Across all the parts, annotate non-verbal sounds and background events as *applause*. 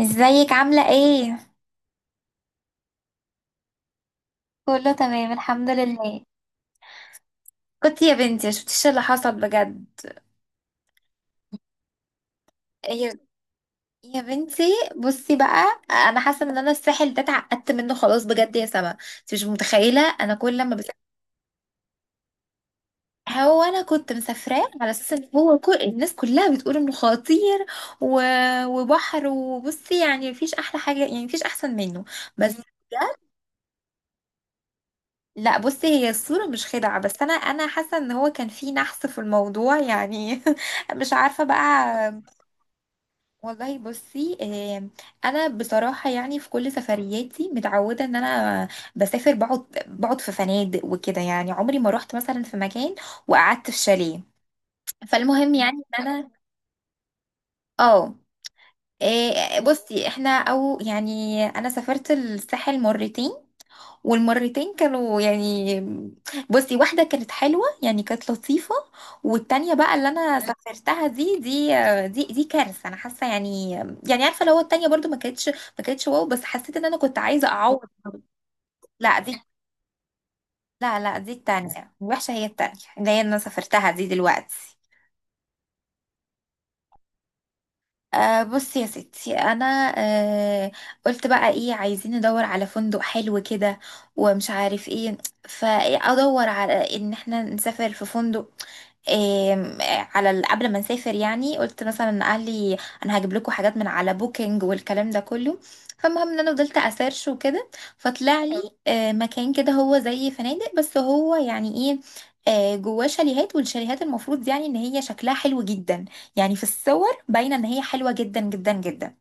ازيك عاملة ايه؟ كله تمام الحمد لله. كنت يا بنتي ما شفتيش اللي حصل بجد. يا يا بنتي، بصي بقى انا حاسة ان انا الساحل ده اتعقدت منه خلاص بجد يا سما. انت مش متخيلة انا كل لما بسافر. هو انا كنت مسافراه على اساس ان هو كل الناس كلها بتقول انه خطير و... وبحر. وبصي، يعني مفيش احلى حاجة، يعني مفيش احسن منه. بس بجد لا. بصي هي الصورة مش خدعة، بس أنا حاسة إن هو كان في نحس في الموضوع يعني. *laughs* مش عارفة بقى. والله بصي، أنا بصراحة، يعني في كل سفرياتي متعودة إن أنا بسافر بقعد في فنادق وكده. يعني عمري ما روحت مثلا في مكان وقعدت في شاليه. فالمهم يعني إن أنا اه، بصي احنا، او يعني انا سافرت الساحل مرتين. والمرتين كانوا يعني، بصي واحدة كانت حلوة يعني كانت لطيفة. والتانية بقى اللي أنا سافرتها دي كارثة، أنا حاسة يعني. يعني عارفة لو التانية برضو ما كانتش واو، بس حسيت إن أنا كنت عايزة أعوض. لا دي. لا لا دي التانية وحشة، هي التانية اللي هي أنا سافرتها دي دلوقتي. أه بصي يا ستي، انا أه قلت بقى ايه، عايزين ندور على فندق حلو كده ومش عارف ايه، فادور على ان احنا نسافر في فندق. آم، على قبل ما نسافر يعني قلت مثلا اهلي انا هجيب لكم حاجات من على بوكينج والكلام ده كله. فالمهم ان انا فضلت اسيرش وكده. فطلع لي مكان كده هو زي فنادق، بس هو يعني ايه، جواه شاليهات. والشاليهات المفروض يعني ان هي شكلها حلو جدا. يعني في الصور باينه ان هي حلوه جدا جدا جدا.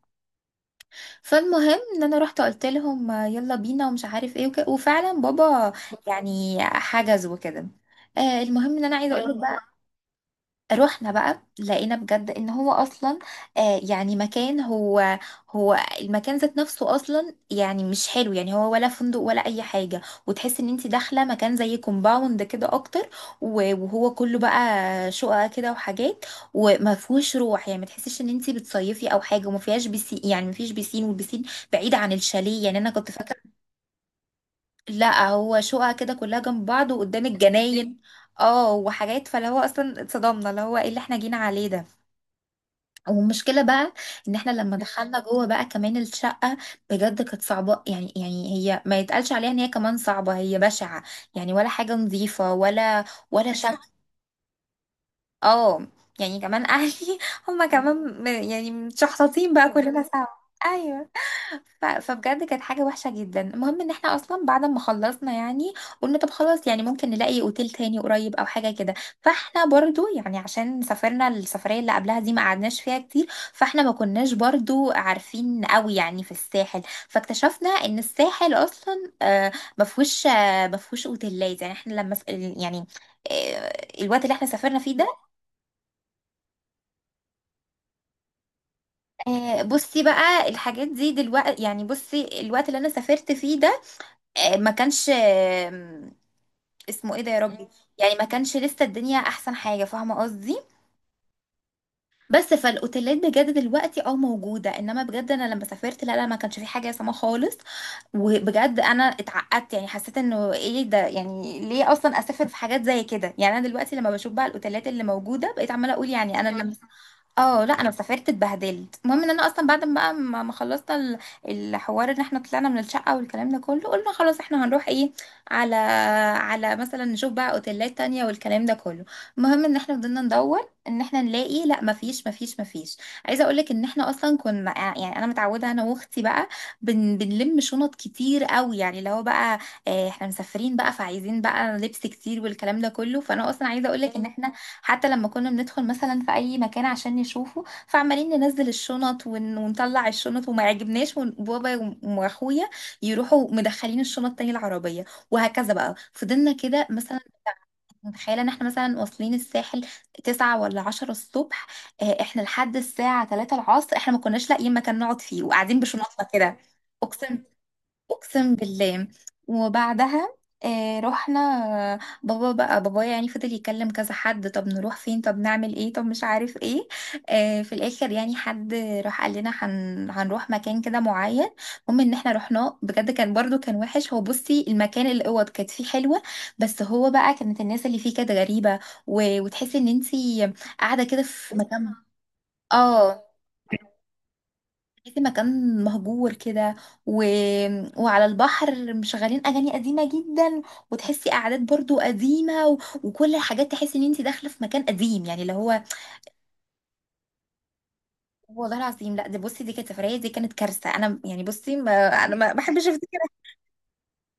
فالمهم ان انا رحت قلت لهم، يلا بينا ومش عارف ايه وفعلا بابا يعني حجز وكده. آه المهم ان انا عايزه اقول لك اه، رحنا بقى لقينا بجد ان هو اصلا، يعني مكان، هو المكان ذات نفسه اصلا يعني مش حلو، يعني هو ولا فندق ولا اي حاجه. وتحس ان انت داخله مكان زي كومباوند كده اكتر. وهو كله بقى شقق كده وحاجات، وما فيهوش روح. يعني ما تحسيش ان انت بتصيفي او حاجه، وما فيهاش بيسين. يعني ما فيش بيسين، والبيسين بعيد عن الشاليه. يعني انا كنت فاكره. لا هو شقق كده كلها جنب بعض وقدام الجناين. اه وحاجات، فاللي هو اصلا اتصدمنا اللي هو ايه اللي احنا جينا عليه ده. والمشكلة بقى ان احنا لما دخلنا جوه بقى كمان الشقة، بجد كانت صعبة. يعني يعني هي ما يتقالش عليها ان هي كمان صعبة، هي بشعة. يعني ولا حاجة نظيفة ولا ولا شقة. اه، يعني كمان اهلي *laughs* هما كمان يعني متشحططين بقى كلنا سوا. ايوه. فبجد كانت حاجة وحشة جدا. المهم ان احنا اصلا بعد ما خلصنا يعني، قلنا طب خلاص يعني ممكن نلاقي اوتيل تاني قريب او حاجة كده. فاحنا برضو يعني عشان سافرنا السفرية اللي قبلها دي ما قعدناش فيها كتير. فاحنا ما كناش برضو عارفين قوي يعني في الساحل. فاكتشفنا ان الساحل اصلا ما فيهوش، ما فيهوش اوتيلات. يعني احنا لما يعني، آه، الوقت اللي احنا سافرنا فيه ده، بصي بقى الحاجات دي دلوقتي، يعني بصي الوقت اللي انا سافرت فيه ده، ما كانش، اسمه ايه ده يا ربي. يعني ما كانش لسه الدنيا احسن حاجه، فاهمه قصدي. بس فالاوتيلات بجد دلوقتي اه موجوده. انما بجد انا لما سافرت لا لا ما كانش في حاجه سما خالص. وبجد انا اتعقدت، يعني حسيت انه ايه ده، يعني ليه اصلا اسافر في حاجات زي كده. يعني انا دلوقتي لما بشوف بقى الاوتيلات اللي موجوده بقيت عماله اقول يعني انا لما، اه لا انا سافرت اتبهدلت. المهم ان انا اصلا بعد ما بقى ما خلصنا الحوار، ان احنا طلعنا من الشقه والكلام ده كله. قلنا خلاص احنا هنروح ايه، على، على مثلا نشوف بقى اوتيلات تانية والكلام ده كله. المهم ان احنا فضلنا ندور ان احنا نلاقي، لا مفيش مفيش مفيش. عايزه اقول لك ان احنا اصلا كنا، يعني انا متعوده انا واختي بقى بنلم شنط كتير قوي. يعني اللي هو بقى، احنا مسافرين بقى فعايزين بقى لبس كتير والكلام ده كله. فانا اصلا عايزه اقول لك ان احنا حتى لما كنا بندخل مثلا في اي مكان عشان نشوفه، فعمالين ننزل الشنط ونطلع الشنط وما يعجبناش. وبابا واخويا يروحوا مدخلين الشنط تاني العربيه. وهكذا بقى فضلنا كده مثلا، متخيله ان احنا مثلا واصلين الساحل 9 ولا 10 الصبح، احنا لحد الساعه 3 العصر احنا ما كناش لاقيين مكان نقعد فيه وقاعدين بشنطنا كده. اقسم، اقسم بالله. وبعدها آه رحنا. بابا بقى بابايا يعني فضل يكلم كذا حد. طب نروح فين، طب نعمل ايه، طب مش عارف ايه. آه في الاخر يعني حد راح قال لنا هنروح مكان كده معين. المهم ان احنا رحناه بجد كان برضو كان وحش. هو بصي المكان الاوض كانت فيه حلوة، بس هو بقى كانت الناس اللي فيه كانت غريبة. وتحسي ان انتي قاعدة كده في مكان، اه تحسي مكان مهجور كده و... وعلى البحر مشغلين اغاني قديمه جدا. وتحسي قعدات برضو قديمه وكل الحاجات تحسي ان انت داخله في مكان قديم، يعني اللي هو والله العظيم لا دي. بصي دي كانت سفريه، دي كانت كارثه. انا يعني بصي ما... انا ما بحبش افتكرها.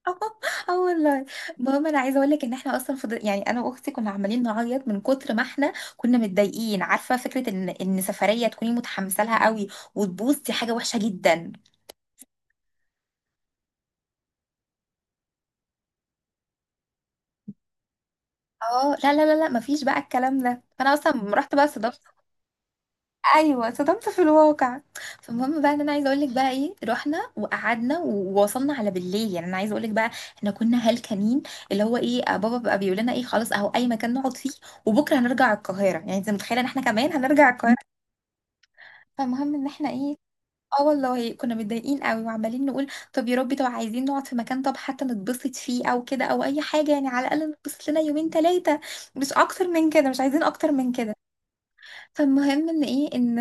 *laughs* اه والله. المهم انا عايزه اقول لك ان احنا اصلا يعني انا واختي كنا عمالين نعيط من كتر ما احنا كنا متضايقين. عارفه فكره ان ان سفريه تكوني متحمسه لها قوي وتبوظ، دي حاجه وحشه جدا. اه لا لا لا لا مفيش بقى الكلام ده. فانا اصلا لما رحت بقى صدمت. ايوه صدمت في الواقع. فالمهم بقى ان انا عايزه اقول لك بقى ايه، رحنا وقعدنا ووصلنا على بالليل. يعني انا عايزه اقول لك بقى احنا كنا هلكانين. اللي هو ايه بابا بقى بيقول لنا ايه، خلاص اهو اي مكان نقعد فيه، وبكره هنرجع القاهره. يعني انت متخيله ان احنا كمان هنرجع القاهره. فالمهم ان احنا ايه، اه والله كنا متضايقين قوي وعمالين نقول طب يا ربي، طب عايزين نقعد في مكان، طب حتى نتبسط فيه او كده او اي حاجه. يعني على الاقل نتبسط لنا يومين 3، مش اكتر من كده مش عايزين اكتر من كده. فالمهم ان ايه، ان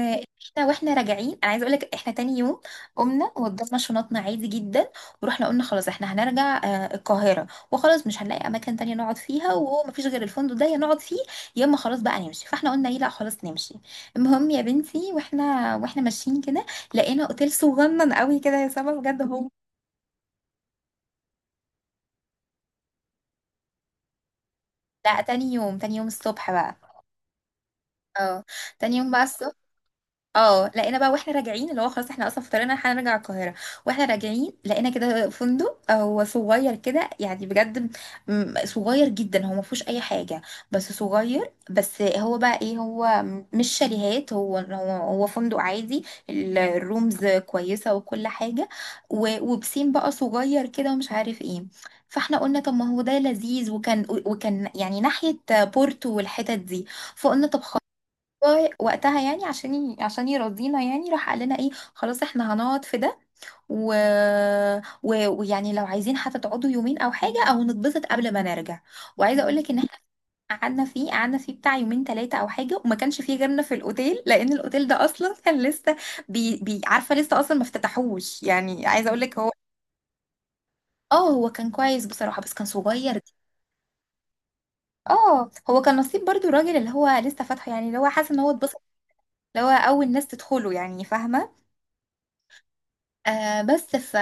احنا راجعين. انا عايزه اقول لك احنا تاني يوم قمنا وضفنا شنطنا عادي جدا. ورحنا قلنا خلاص احنا هنرجع القاهره. وخلاص مش هنلاقي اماكن تانية نقعد فيها، وهو مفيش غير الفندق ده، يا نقعد فيه يا اما خلاص بقى نمشي. فاحنا قلنا ايه، لا خلاص نمشي. المهم يا بنتي واحنا ماشيين كده، لقينا اوتيل صغنن قوي كده يا سما بجد. هو لا تاني يوم، تاني يوم الصبح بقى. اه تاني يوم بقى الصبح. اه لقينا بقى واحنا راجعين. اللي هو خلاص احنا اصلا في طريقنا هنرجع القاهره. واحنا راجعين لقينا كده فندق، هو صغير كده يعني بجد، صغير جدا، هو ما فيهوش اي حاجه، بس صغير. بس هو بقى ايه، هو مش شاليهات، هو فندق عادي. الرومز كويسه وكل حاجه. وبسين بقى صغير كده ومش عارف ايه. فاحنا قلنا طب ما هو ده لذيذ، وكان وكان يعني ناحيه بورتو والحتت دي. فقلنا طب، والله وقتها يعني عشان عشان يرضينا يعني، راح قال لنا ايه خلاص احنا هنقعد في ده. و... ويعني لو عايزين حتى تقعدوا يومين او حاجه او نتبسط قبل ما نرجع. وعايزه اقول لك ان احنا قعدنا فيه، قعدنا فيه بتاع يومين 3 او حاجه. وما كانش فيه غيرنا في الاوتيل، لان الاوتيل ده اصلا كان لسه عارفه لسه اصلا ما افتتحوش. يعني عايزه اقول لك هو، اه هو كان كويس بصراحه بس كان صغير. اه هو كان نصيب برضو. الراجل اللي هو لسه فاتحه يعني اللي هو حاسس ان هو اتبسط، اللي هو اول ناس تدخله يعني فاهمه. آه بس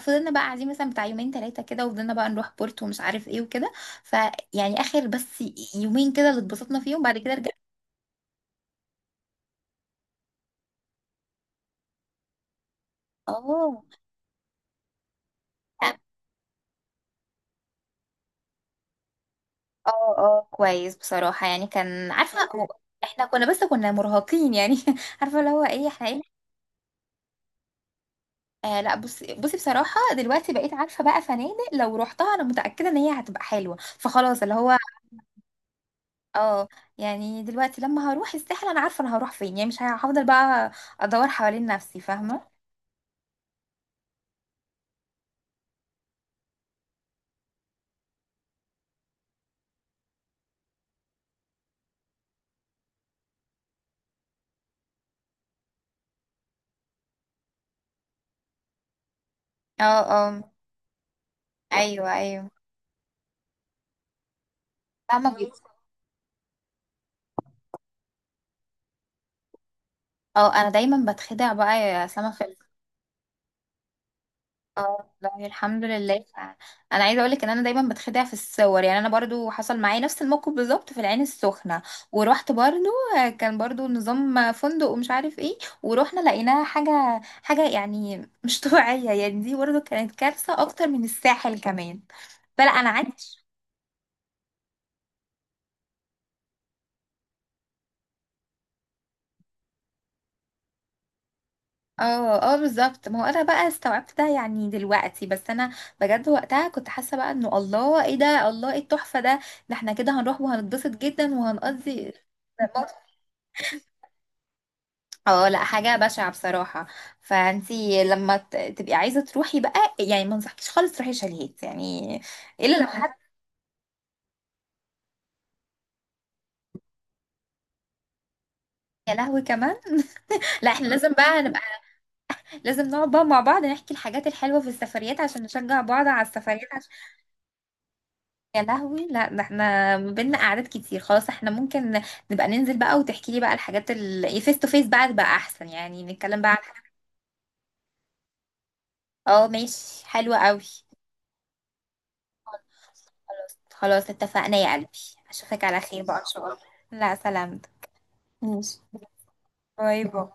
فضلنا بقى قاعدين مثلا بتاع يومين 3 كده. وفضلنا بقى نروح بورتو ومش عارف ايه وكده. فيعني اخر بس يومين كده اللي اتبسطنا فيهم بعد كده رجعنا. اه اه. اه كويس بصراحة يعني كان عارفة هو- احنا كنا بس كنا مرهقين يعني. *laughs* عارفة اللي هو ايه احنا ايه. آه لا بصي بصي بصراحة دلوقتي بقيت عارفة بقى فنادق لو رحتها انا متأكدة ان هي هتبقى حلوة. فخلاص اللي هو اه، يعني دلوقتي لما هروح الساحل انا عارفة انا هروح فين. يعني مش هفضل بقى ادور حوالين نفسي فاهمة. اه اه ايوه ايوه فاهمة. مم. بيك. اه انا دايما بتخدع بقى يا سما في *laughs* اه والله الحمد لله انا عايزه اقولك ان انا دايما بتخدع في الصور. يعني انا برضو حصل معايا نفس الموقف بالظبط في العين السخنه. ورحت برضو، كان برضو نظام فندق ومش عارف ايه. ورحنا لقيناها حاجه حاجه يعني مش *laughs* طبيعيه، يعني دي برضو كانت كارثه اكتر من الساحل كمان. فلا انا عندي اه اه بالظبط. ما هو انا بقى استوعبت ده يعني دلوقتي، بس انا بجد وقتها كنت حاسه بقى انه الله ايه ده، الله ايه التحفه ده، ده احنا كده هنروح وهنتبسط جدا وهنقضي. *laughs* اه لا حاجه بشعه بصراحه. فانتي لما تبقي عايزه تروحي بقى، يعني ما انصحكيش خالص تروحي شاليهات، يعني الا لو حد. يا لهوي كمان، لا احنا لازم بقى نبقى، لازم نقعد بقى مع بعض نحكي الحاجات الحلوه في السفريات عشان نشجع بعض على السفريات. يا لهوي، لا ده احنا ما بينا قعدات كتير. خلاص احنا ممكن نبقى ننزل بقى وتحكي لي بقى الحاجات ال فيس تو فيس بقى احسن، يعني نتكلم بقى عن حاجة. اه ماشي حلوة قوي. خلاص اتفقنا يا قلبي. اشوفك على خير بقى ان شاء الله. لا سلامتك. باي باي.